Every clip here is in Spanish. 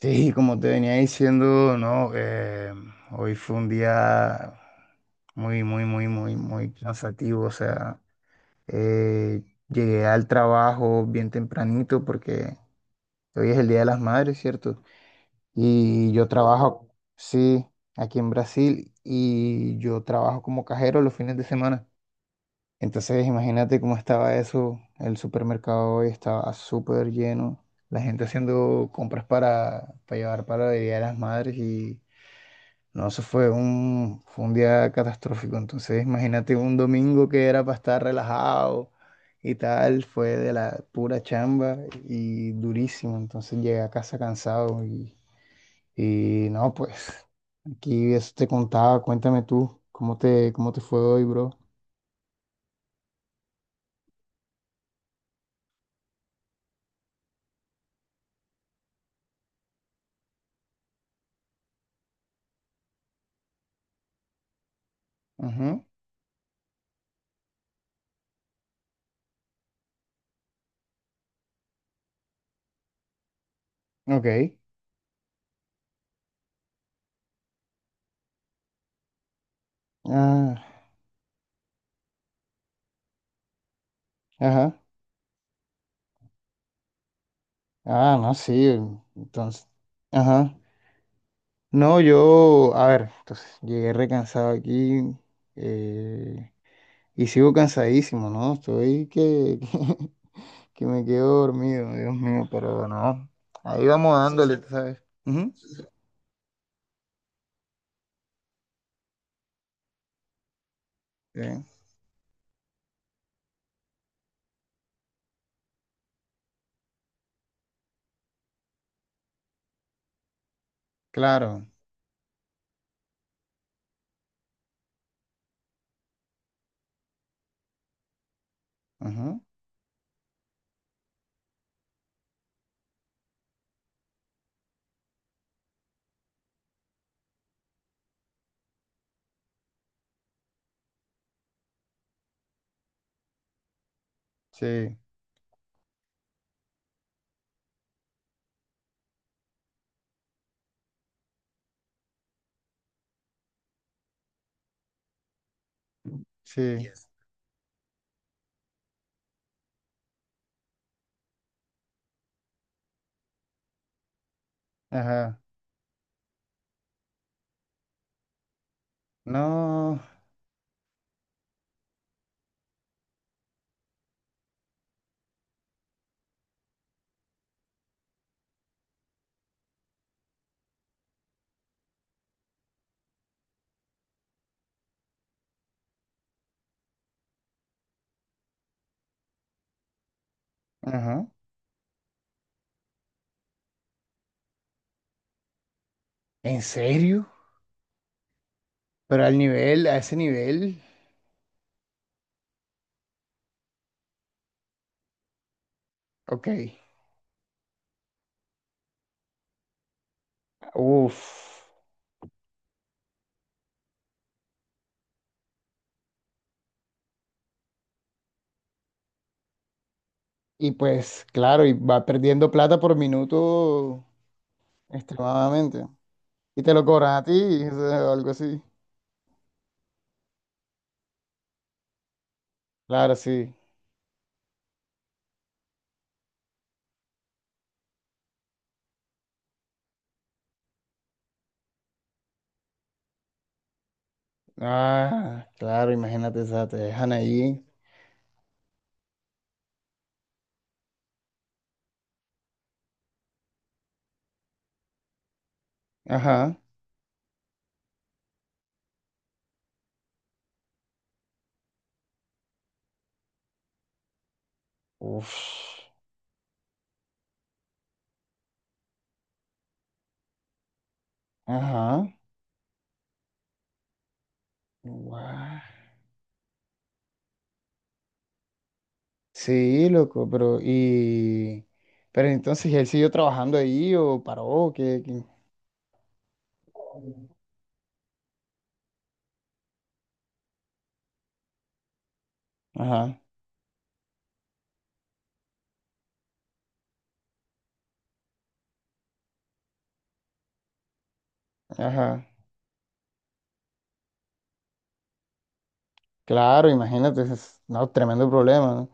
Sí, como te venía diciendo, no, hoy fue un día muy, muy, muy, muy, muy cansativo. O sea, eh, llegué al trabajo bien tempranito porque hoy es el Día de las Madres, ¿cierto? Y yo trabajo, sí, aquí en Brasil y yo trabajo como cajero los fines de semana. Entonces, imagínate cómo estaba eso. El supermercado hoy estaba súper lleno. La gente haciendo compras para llevar para el Día de las Madres y... No, eso fue fue un día catastrófico. Entonces, imagínate un domingo que era para estar relajado y tal, fue de la pura chamba y durísimo. Entonces llegué a casa cansado y no, pues aquí eso te contaba. Cuéntame tú, cómo te fue hoy, bro? Ujú. Ok. Ah, ajá. Ah, no, sí. Entonces, ajá. No, yo, a ver, entonces llegué recansado aquí. eh, Y sigo cansadísimo, ¿no? Estoy que, me quedo dormido, Dios mío, pero no. Ahí vamos dándole, tú ¿sabes? Ujú. Sí, claro. Ujú. Sí, sí. Ajá. No. Ajá. ¿En serio? Pero al nivel, a ese nivel, ok. Uf. Y pues, claro, y va perdiendo plata por minuto extremadamente. Y te lo cobran a ti, o sea, o algo así. Claro, sí. Ah, claro, imagínate, o te dejan ahí. Ajá. Uf. Ajá. Guau. Sí, loco, pero y pero entonces él siguió trabajando ahí o paró, que… Ajá. Ajá. Claro, imagínate, es no, tremendo problema, ¿no?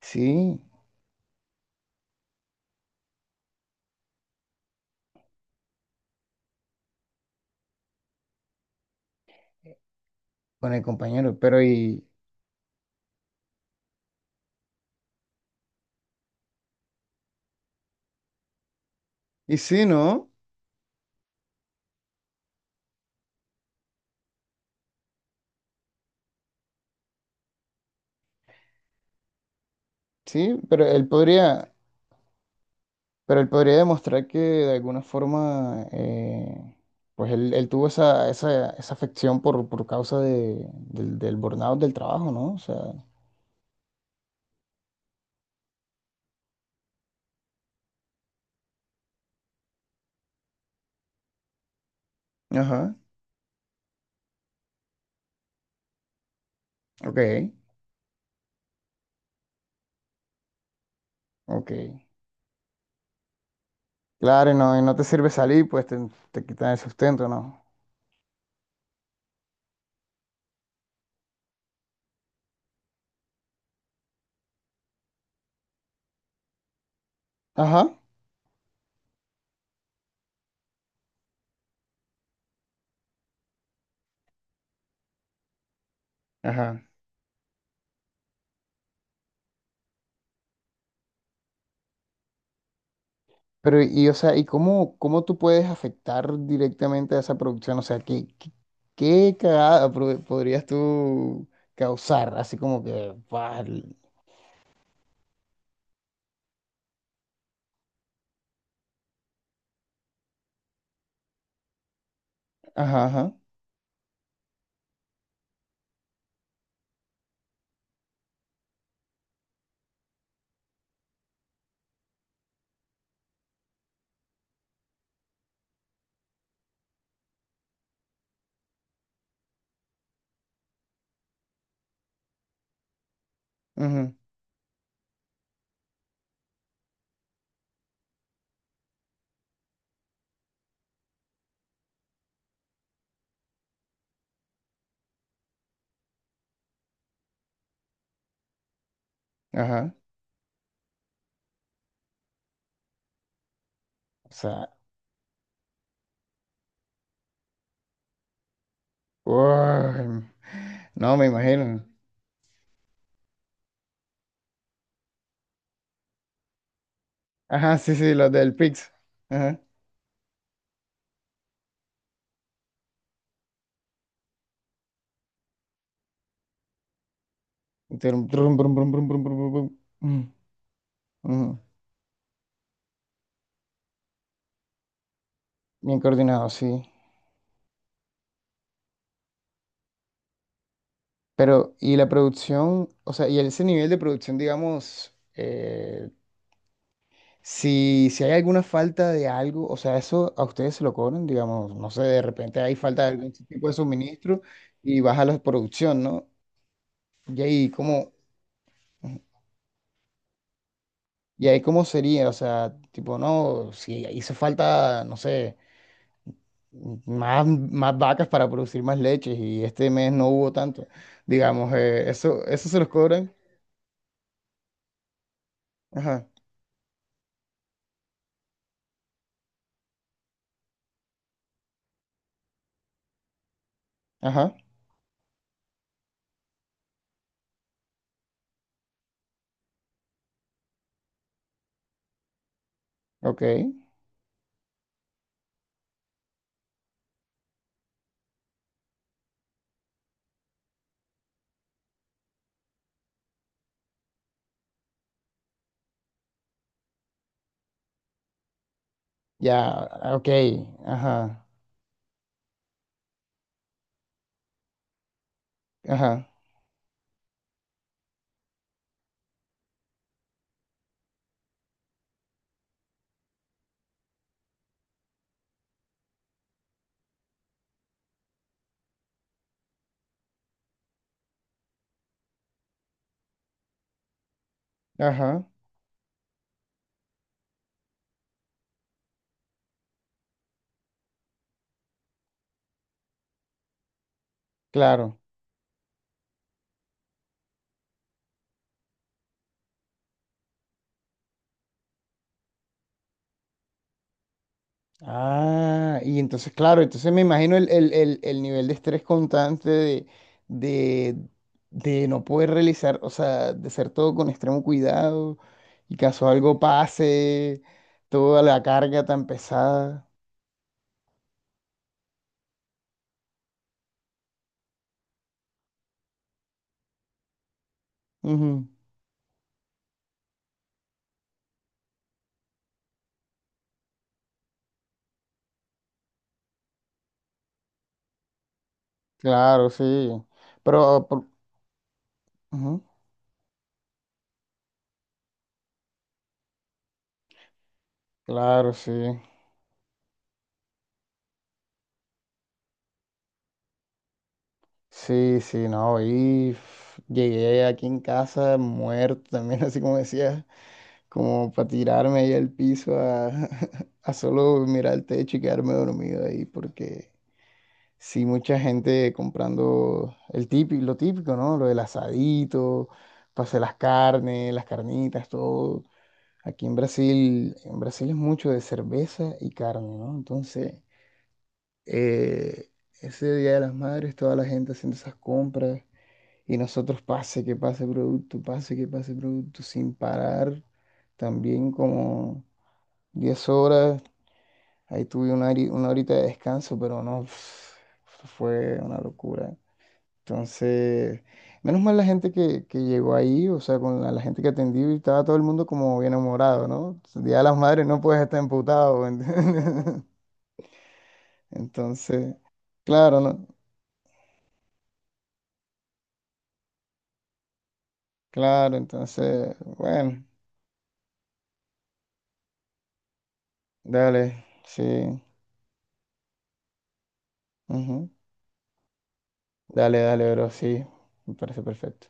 Sí, con el compañero, pero y… y sí, ¿no? Sí, pero él podría… Pero él podría demostrar que de alguna forma, pues él tuvo esa, esa, esa afección por causa del burnout del trabajo, ¿no? O sea, ajá, ok, ok. Claro, y no te sirve salir, te quitan el sustento, ¿no? Ajá, ajá. Pero, y o sea, ¿y cómo tú puedes afectar directamente a esa producción? O sea, qué cagada pro- podrías tú causar? Así como que, ¡buah! Ajá, ajá, ujú, ajá. O sea, uy, no me imagino. Ajá, sí, sí, los del Pix. Ajá. Y trum, trum, brum, brum, brum, brum, brum, brum. Mm, mm. Bien coordinado, sí. Pero, y la producción, o sea, y ese nivel de producción, digamos, si hay alguna falta de algo, o sea, eso a ustedes se lo cobran, digamos, no sé, de repente hay falta de algún tipo de suministro y baja la producción, ¿no? Y ahí, como. Y ahí cómo sería, o sea, tipo, no, si hizo falta, no sé, más vacas para producir más leches y este mes no hubo tanto. Digamos, eso se los cobran. Ajá, ajá, ok. Ya, ok, ajá, ajá, ajá, claro. Ah, y entonces, claro, entonces me imagino el nivel de estrés constante de, de no poder realizar, o sea, de ser todo con extremo cuidado y caso algo pase, toda la carga tan pesada. Ujú. Claro, sí. Pero, por- ujú, claro, sí. Sí, sí, no, y f- llegué aquí en casa muerto también, así como decías. Como para tirarme ahí al piso a, a solo mirar el techo y quedarme dormido ahí, porque sí, mucha gente comprando el típico, lo típico, ¿no? Lo del asadito, pase las carnes, las carnitas, todo. Aquí en Brasil es mucho de cerveza y carne, ¿no? Entonces, eh, ese Día de las Madres, toda la gente haciendo esas compras. Y nosotros pase que pase producto, pase que pase producto, sin parar. También como 10 horas, ahí tuve una, hori- una horita de descanso, pero no, pf, fue una locura. Entonces, menos mal la gente que llegó ahí, o sea, con la gente que atendí, estaba todo el mundo como bien enamorado, ¿no? El Día de las Madres no puedes estar emputado, ¿entiendes? Entonces, claro, ¿no? Claro, entonces, bueno, dale, sí, ujú. Dale, dale, bro, sí, me parece perfecto.